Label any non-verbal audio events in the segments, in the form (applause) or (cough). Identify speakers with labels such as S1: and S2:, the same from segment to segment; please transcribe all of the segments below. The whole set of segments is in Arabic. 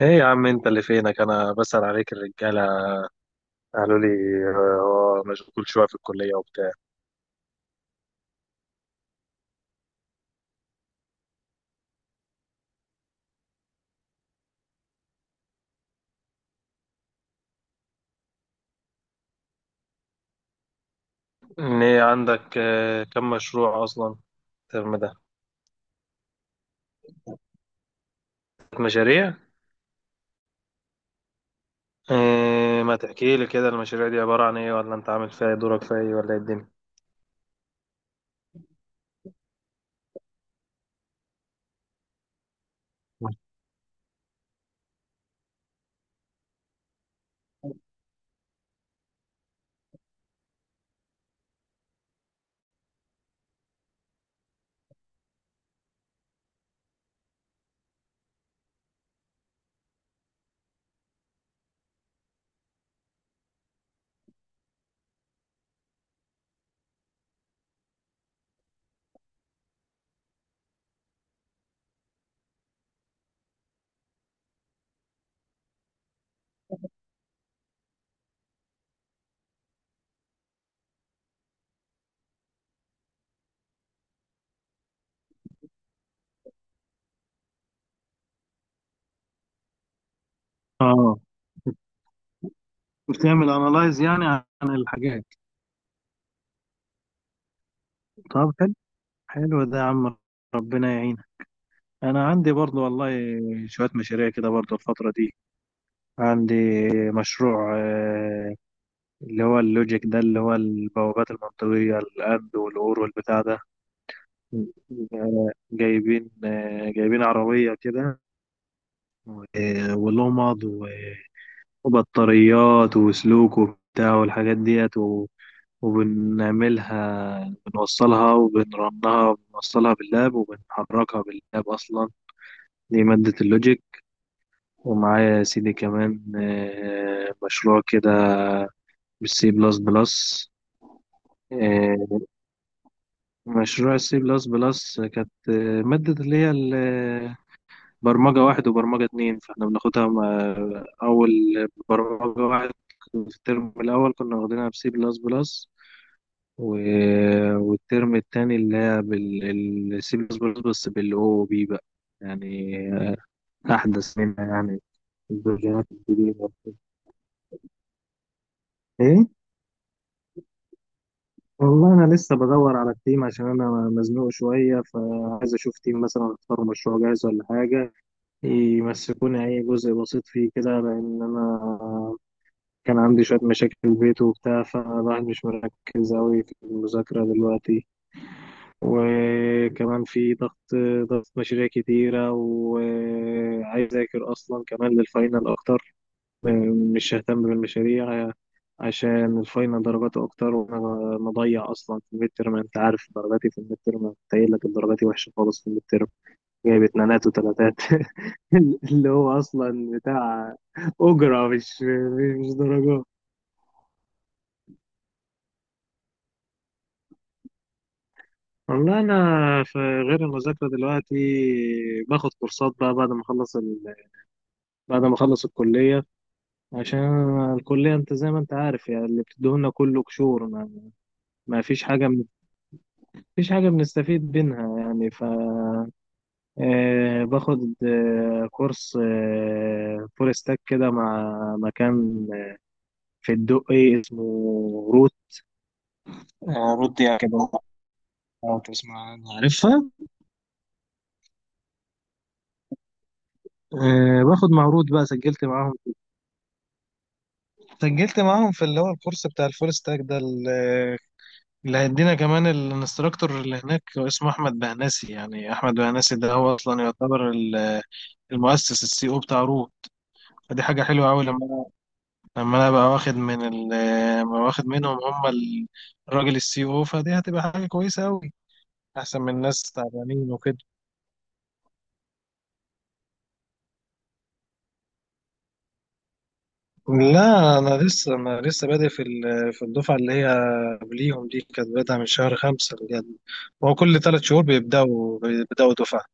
S1: ايه يا عم، انت اللي فينك، انا بسأل عليك الرجاله قالوا لي مشغول شويه في الكليه وبتاع. ان ايه عندك كم مشروع اصلا الترم ده؟ مشاريع. إيه، ما تحكي لي كده المشاريع دي عباره عن ايه ولا انت عامل فيها إيه؟ دورك فيها ايه ولا ايه الدنيا؟ اه. بتعمل انالايز يعني عن الحاجات. طب حلو، حلو ده يا عم، ربنا يعينك. انا عندي برضو والله شوية مشاريع كده برضو الفترة دي. عندي مشروع اللي هو اللوجيك ده، اللي هو البوابات المنطقية الأند والأور والبتاع ده. جايبين عربية كده، ولمض، وبطاريات وسلوك وبتاع والحاجات ديت، وبنعملها بنوصلها وبنرنها بنوصلها باللاب وبنحركها باللاب أصلا. دي مادة اللوجيك. ومعايا يا سيدي كمان مشروع كده بالسي بلس بلس. آه، مشروع السي بلس بلس كانت مادة برمجة واحد وبرمجة اتنين، فاحنا أول برمجة واحد في الترم الأول كنا واخدينها بسي بلس بلس، والترم التاني اللي هي بالسي بلس بلس بس بالأو أو بي بقى. يعني أحدث منها، يعني الفيرجنات الجديدة. إيه؟ والله أنا لسه بدور على التيم عشان أنا مزنوق شوية، فعايز أشوف تيم مثلا أختار مشروع جاهز ولا حاجة يمسكوني أي جزء بسيط فيه كده، لأن أنا كان عندي شوية مشاكل في البيت وبتاع، فالواحد مش مركز أوي في المذاكرة دلوقتي. وكمان في ضغط مشاريع كتيرة، وعايز أذاكر أصلا كمان للفاينل أكتر. مش ههتم بالمشاريع عشان الفاينل درجاته أكتر، وأنا مضيع أصلا في الميد تيرم. أنت عارف درجاتي في الميد تيرم قليلة، درجاتي وحشة خالص في الميد ترم. جايب اتنينات وتلاتات (laughs) اللي هو اصلا بتاع اجره، مش درجات. والله انا في غير المذاكره دلوقتي باخد كورسات بقى بعد ما اخلص الكليه، عشان الكليه انت زي ما انت عارف يعني اللي بتديهولنا كله قشور، ما... ما فيش حاجه من... فيش حاجه بنستفيد منها يعني. ف آه باخد كورس فول ستاك كده مع مكان في الدقي اسمه رود يعني كده. لو تسمع أنا عارفها. باخد مع رود بقى. سجلت معاهم في اللي هو الكورس بتاع الفول ستاك ده اللي هيدينا كمان. الانستراكتور اللي هناك هو اسمه أحمد بهناسي، يعني أحمد بهناسي ده هو أصلا يعتبر المؤسس السي او بتاع رود. فدي حاجة حلوة أوي لما أنا بقى واخد منهم، هم الراجل السي او. فدي هتبقى حاجة كويسة أوي. أحسن من ناس تعبانين وكده. لا، انا لسه بادئ في الدفعه اللي هي قبليهم، دي كانت بادئه من شهر 5 بجد. هو كل 3 شهور بيبداوا دفعه.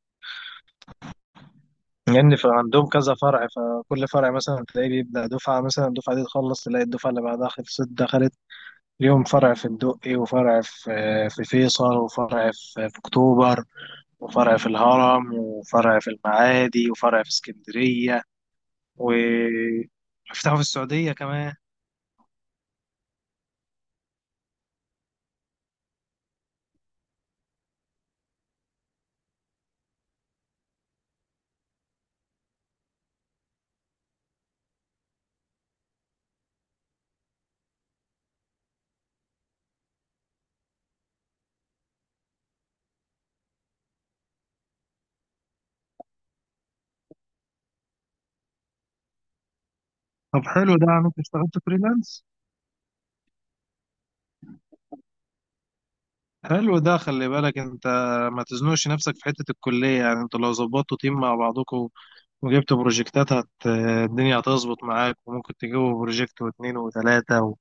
S1: لان يعني عندهم كذا فرع، فكل فرع مثلا تلاقيه بيبدا دفعه، مثلا الدفعه دي تخلص تلاقي الدفعه اللي بعدها خلصت دخلت اليوم. فرع في الدقي، وفرع في فيصل، وفرع في اكتوبر، وفرع في الهرم، وفرع في المعادي، وفرع في اسكندريه، و فتحوا في السعوديه كمان. طب حلو ده. انا اشتغلت فريلانس. حلو ده، خلي بالك انت ما تزنقش نفسك في حتة الكلية. يعني انتوا لو ظبطتوا تيم مع بعضكم وجبتوا بروجكتات الدنيا هتظبط معاك، وممكن تجيبوا بروجكت واتنين وتلاتة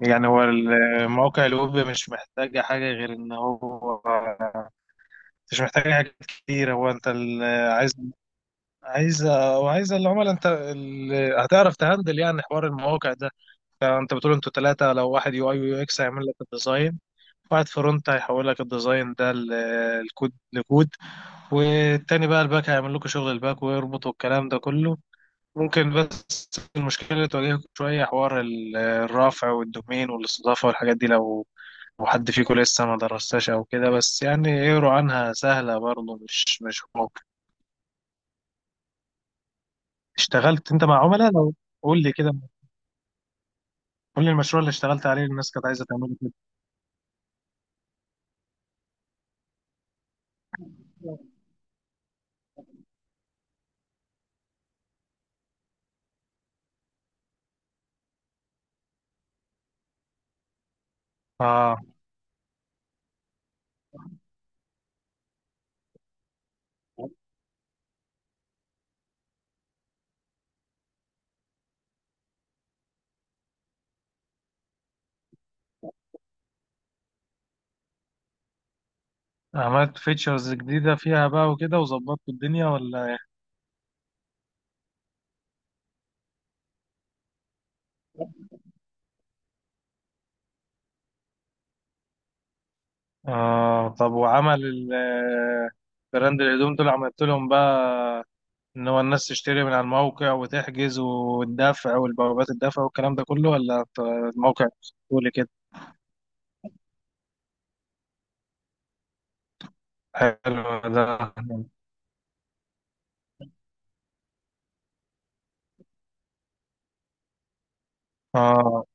S1: يعني هو المواقع الويب مش محتاجة حاجة غير ان هو مش محتاجة حاجة كتير. هو عايز عايز وعايز العملاء. هتعرف تهندل يعني حوار المواقع ده. فانت بتقول انتوا تلاتة، لو واحد يو اي ويو اكس هيعمل لك الديزاين، واحد فرونت هيحول لك الديزاين ده الكود لكود، والتاني بقى الباك هيعمل لكم شغل الباك ويربطوا الكلام ده كله. ممكن بس المشكلة اللي تواجهكم شوية حوار الرافع والدومين والاستضافة والحاجات دي، لو حد فيكم لسه ما درستهاش أو كده، بس يعني اقروا عنها سهلة برضه، مش ممكن. اشتغلت أنت مع عملاء؟ لو قول لي كده قول لي المشروع اللي اشتغلت عليه الناس كانت عايزة تعمله كده. اه. عملت فيتشرز جديدة فيها بقى وكده وظبطت الدنيا ولا؟ آه. طب وعمل ال- آه، براند الهدوم دول عملت لهم بقى ان هو الناس تشتري من على الموقع وتحجز والدفع والبوابات الدفع والكلام ده كله، ولا أنت الموقع تقولي كده؟ حلو ده. اه.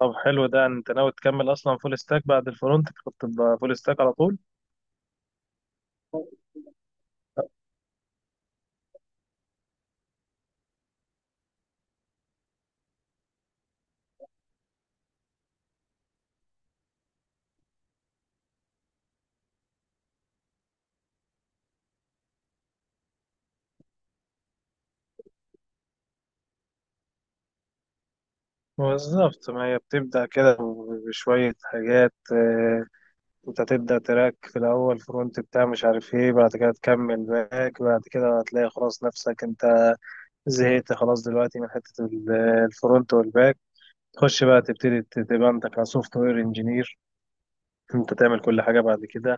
S1: طب حلو ده، انت ناوي تكمل اصلا فول ستاك بعد الفرونت؟ كنت تبقى فول ستاك على طول. بالظبط، ما هي بتبدا كده بشويه حاجات. انت تبدا تراك في الاول فرونت بتاع مش عارف ايه، بعد كده تكمل باك، بعد كده هتلاقي خلاص نفسك انت زهقت خلاص دلوقتي من حتة الفرونت والباك، تخش بقى تبتدي تبقى انت كسوفت وير انجينير. انت تعمل كل حاجة بعد كده،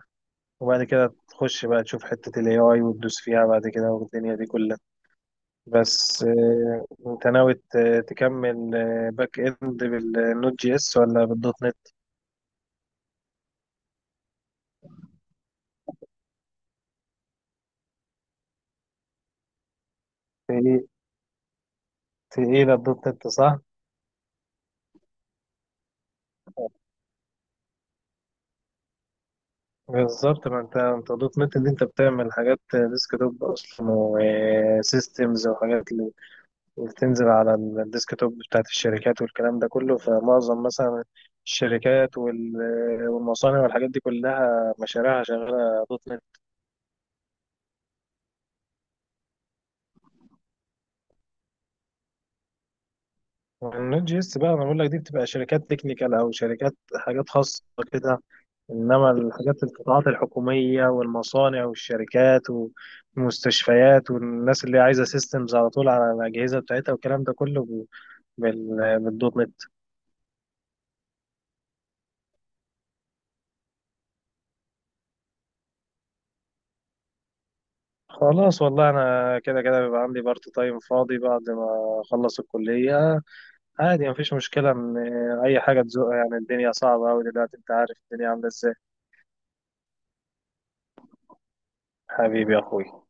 S1: وبعد كده تخش بقى تشوف حتة الاي اي وتدوس فيها بعد كده والدنيا دي كلها. بس انت ناوي تكمل باك اند بالنوت جي اس ولا بالدوت نت؟ في ايه في ايه الدوت نت صح؟ بالظبط، ما انت دوت نت اللي انت بتعمل حاجات ديسك توب اصلا وسيستمز وحاجات، وبتنزل على الديسكتوب بتاعت الشركات والكلام ده كله. فمعظم مثلا الشركات والمصانع والحاجات دي كلها مشاريعها شغالة دوت نت. النوت جي اس بقى، انا بقول لك دي بتبقى شركات تكنيكال او شركات حاجات خاصة كده. انما القطاعات الحكومية والمصانع والشركات والمستشفيات والناس اللي عايزة سيستمز على طول على الأجهزة بتاعتها والكلام ده كله بالدوت نت. خلاص. والله انا كده كده بيبقى عندي بارت تايم فاضي بعد ما اخلص الكليه. عادي مفيش مشكله ان اي حاجه تزق يعني، الدنيا صعبه قوي دلوقتي، انت عارف الدنيا عامله ازاي. حبيبي يا اخوي.